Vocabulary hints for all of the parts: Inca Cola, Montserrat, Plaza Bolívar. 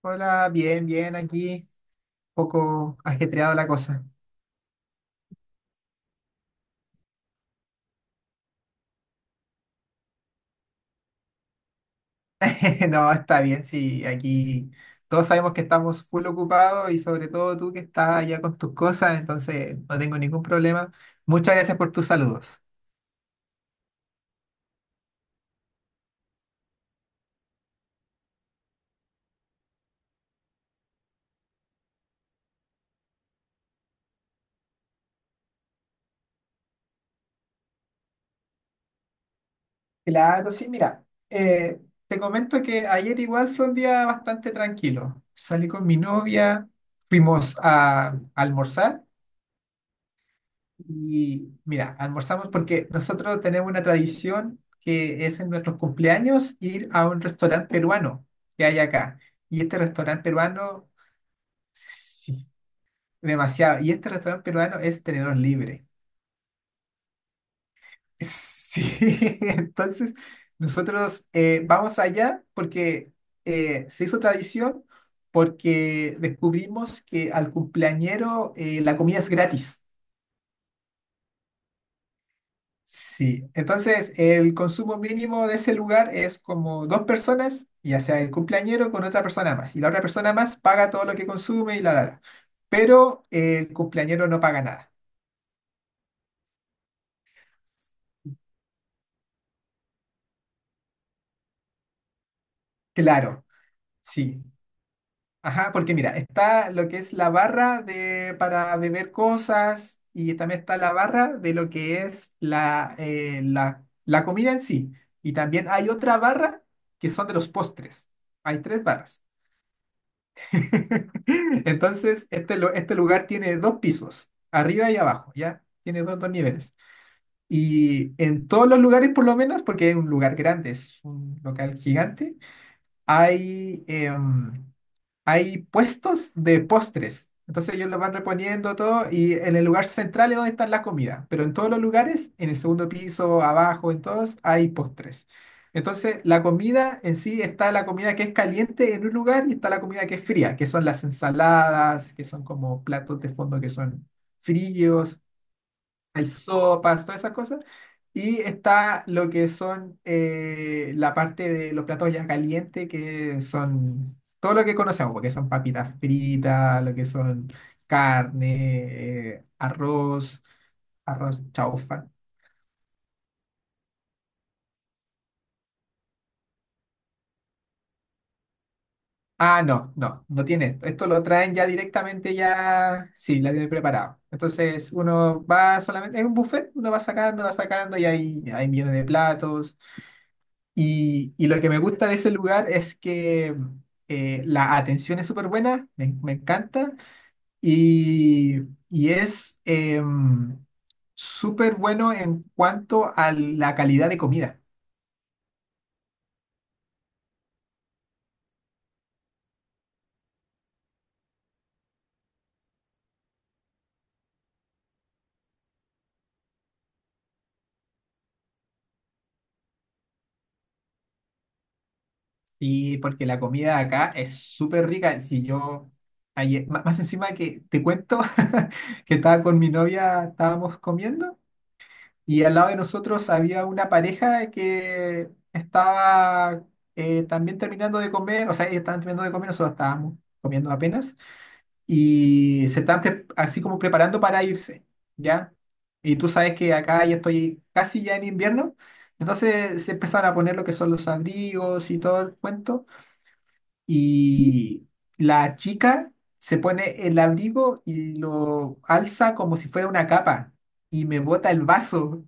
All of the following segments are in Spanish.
Hola, bien, bien, aquí, poco ajetreado la cosa. No, está bien, sí, aquí todos sabemos que estamos full ocupados y sobre todo tú que estás allá con tus cosas, entonces no tengo ningún problema. Muchas gracias por tus saludos. Claro, sí, mira, eh, te comento que ayer igual fue un día bastante tranquilo. Salí con mi novia, fuimos a almorzar. Y mira, almorzamos porque nosotros tenemos una tradición que es en nuestros cumpleaños ir a un restaurante peruano que hay acá. Y este restaurante peruano, sí, demasiado. Y este restaurante peruano es tenedor libre. Sí, entonces nosotros vamos allá porque se hizo tradición porque descubrimos que al cumpleañero la comida es gratis. Sí, entonces el consumo mínimo de ese lugar es como dos personas, ya sea el cumpleañero con otra persona más, y la otra persona más paga todo lo que consume y la. Pero el cumpleañero no paga nada. Claro, sí. Ajá, porque mira, está lo que es la barra de, para beber cosas y también está la barra de lo que es la comida en sí. Y también hay otra barra que son de los postres. Hay tres barras. Entonces, este, este lugar tiene dos pisos, arriba y abajo, ¿ya? Tiene dos, dos niveles. Y en todos los lugares, por lo menos, porque es un lugar grande, es un local gigante, hay, hay puestos de postres. Entonces ellos lo van reponiendo todo y en el lugar central es donde está la comida, pero en todos los lugares, en el segundo piso, abajo, en todos, hay postres. Entonces la comida en sí está la comida que es caliente en un lugar y está la comida que es fría, que son las ensaladas, que son como platos de fondo que son fríos, hay sopas, todas esas cosas. Y está lo que son la parte de los platos ya calientes, que son todo lo que conocemos, porque son papitas fritas, lo que son carne, arroz, arroz chaufa. Ah, no, no, no tiene esto. Esto lo traen ya directamente, ya, sí, la tienen preparado. Entonces uno va solamente, es un buffet, uno va sacando y hay millones de platos. Y lo que me gusta de ese lugar es que la atención es súper buena, me encanta, y, y es súper bueno en cuanto a la calidad de comida. Y porque la comida acá es súper rica. Si yo, más encima que te cuento que estaba con mi novia, estábamos comiendo. Y al lado de nosotros había una pareja que estaba también terminando de comer, o sea, ellos estaban terminando de comer, nosotros estábamos comiendo apenas, y se estaban así como preparando para irse, ¿ya? Y tú sabes que acá ya estoy casi ya en invierno, entonces se empezaron a poner lo que son los abrigos y todo el cuento, y la chica se pone el abrigo y lo alza como si fuera una capa, y me bota el vaso.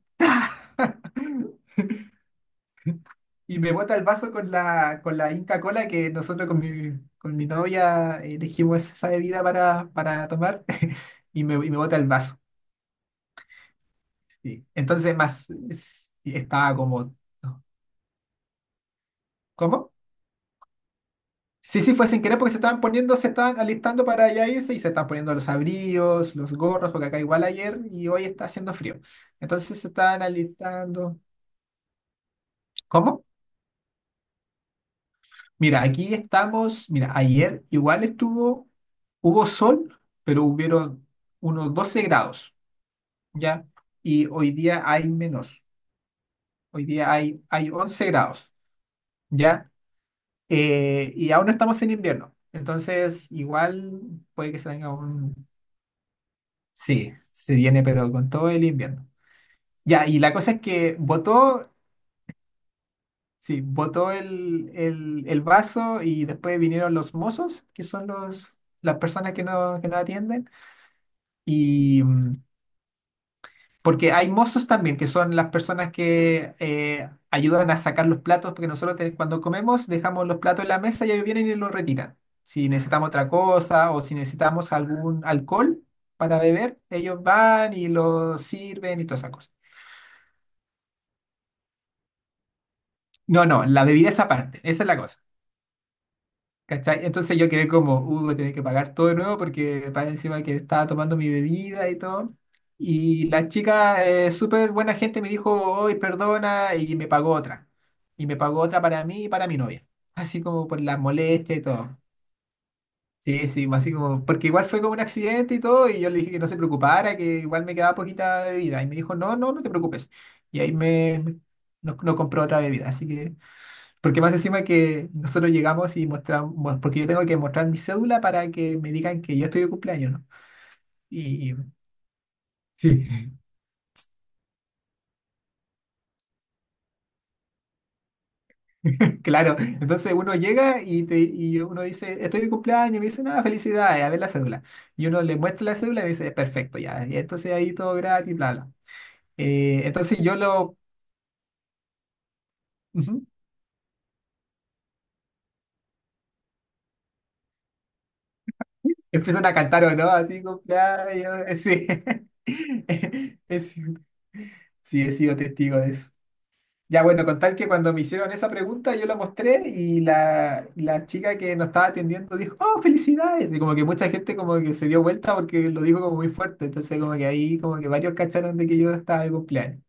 Y me bota el vaso con la Inca Cola que nosotros con mi novia elegimos esa bebida para tomar y me bota el vaso. Y entonces y estaba como... ¿no? ¿Cómo? Sí, sí, fue sin querer porque se estaban poniendo, se estaban alistando para ya irse y se estaban poniendo los abrigos, los gorros, porque acá igual ayer y hoy está haciendo frío. Entonces se estaban alistando. ¿Cómo? Mira, aquí estamos. Mira, ayer igual estuvo, hubo sol, pero hubieron unos 12 grados, ¿ya? Y hoy día hay menos. Hoy día hay, hay 11 grados, ¿ya? Y aún no estamos en invierno. Entonces, igual puede que se venga un... Sí, se viene, pero con todo el invierno. Ya, y la cosa es que botó, sí, botó el vaso y después vinieron los mozos, que son los, las personas que no atienden. Y porque hay mozos también, que son las personas que ayudan a sacar los platos, porque nosotros cuando comemos dejamos los platos en la mesa y ellos vienen y los retiran. Si necesitamos otra cosa o si necesitamos algún alcohol para beber, ellos van y lo sirven y todas esas cosas. No, no, la bebida es aparte, esa es la cosa. ¿Cachai? Entonces yo quedé como, uy, voy a tener que pagar todo de nuevo porque para encima que estaba tomando mi bebida y todo. Y la chica, súper buena gente, me dijo, hoy perdona, y me pagó otra. Y me pagó otra para mí y para mi novia. Así como por la molestia y todo. Sí, sí, así como, porque igual fue como un accidente y todo, y yo le dije que no se preocupara, que igual me quedaba poquita bebida. Y me dijo, no, no, no te preocupes. Y ahí me, nos, nos compró otra bebida. Así que porque más encima que nosotros llegamos y mostramos, bueno, porque yo tengo que mostrar mi cédula para que me digan que yo estoy de cumpleaños, ¿no? Y sí. Claro, entonces uno llega y, te, y uno dice, estoy de cumpleaños, y me dicen, ah, felicidades, a ver la cédula. Y uno le muestra la cédula y me dice, perfecto, ya, y entonces ahí todo gratis, bla, bla. Entonces yo lo, ujú, empiezan a cantar o no, así, cumpleaños, sí. Es- sí, he sido testigo de eso. Ya, bueno, con tal que cuando me hicieron esa pregunta, yo la mostré y la chica que nos estaba atendiendo dijo, ¡Oh, felicidades! Y como que mucha gente como que se dio vuelta porque lo dijo como muy fuerte. Entonces como que ahí como que varios cacharon de que yo estaba de cumpleaños.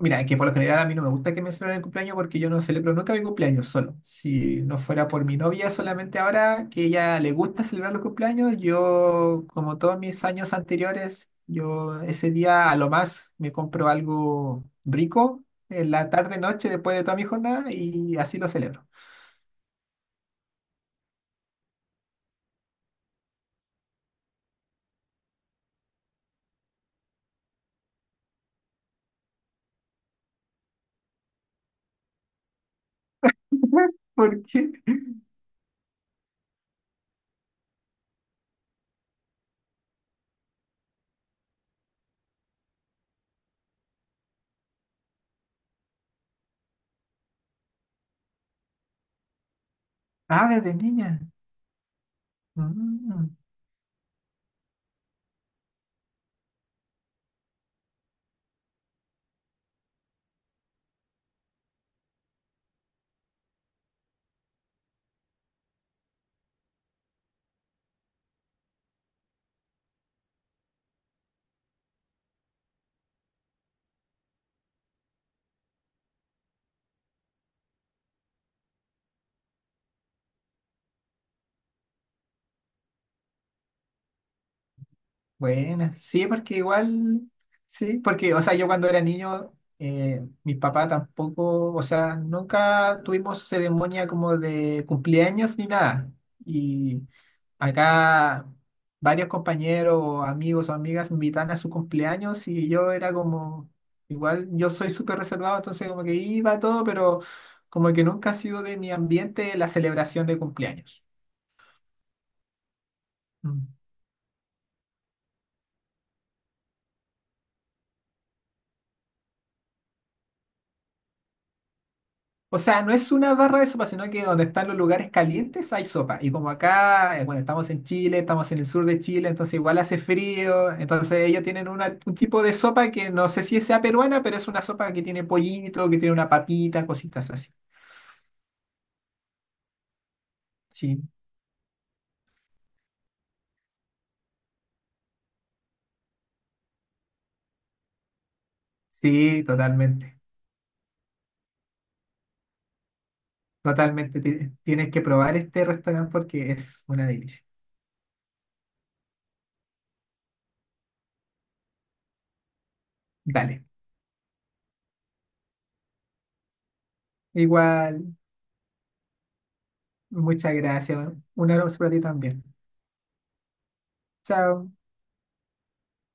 Mira, es que por lo general a mí no me gusta que me celebren el cumpleaños porque yo no celebro nunca mi cumpleaños solo. Si no fuera por mi novia, solamente ahora que ella le gusta celebrar los cumpleaños, yo, como todos mis años anteriores, yo ese día a lo más me compro algo rico en la tarde, noche, después de toda mi jornada y así lo celebro. ¿Por qué? Ah, desde niña. Mm. Bueno, sí, porque igual, sí, porque, o sea, yo cuando era niño, mis papás tampoco, o sea, nunca tuvimos ceremonia como de cumpleaños ni nada. Y acá varios compañeros, o amigos o amigas me invitan a su cumpleaños y yo era como, igual, yo soy súper reservado, entonces como que iba a todo, pero como que nunca ha sido de mi ambiente la celebración de cumpleaños. Mm. O sea, no es una barra de sopa, sino que donde están los lugares calientes hay sopa. Y como acá, bueno, estamos en Chile, estamos en el sur de Chile, entonces igual hace frío. Entonces ellos tienen un tipo de sopa que no sé si sea peruana, pero es una sopa que tiene pollito, que tiene una papita, cositas así. Sí, sí, totalmente. Totalmente. Tienes que probar este restaurante porque es una delicia. Dale. Igual, muchas gracias. Un abrazo para ti también. Chao.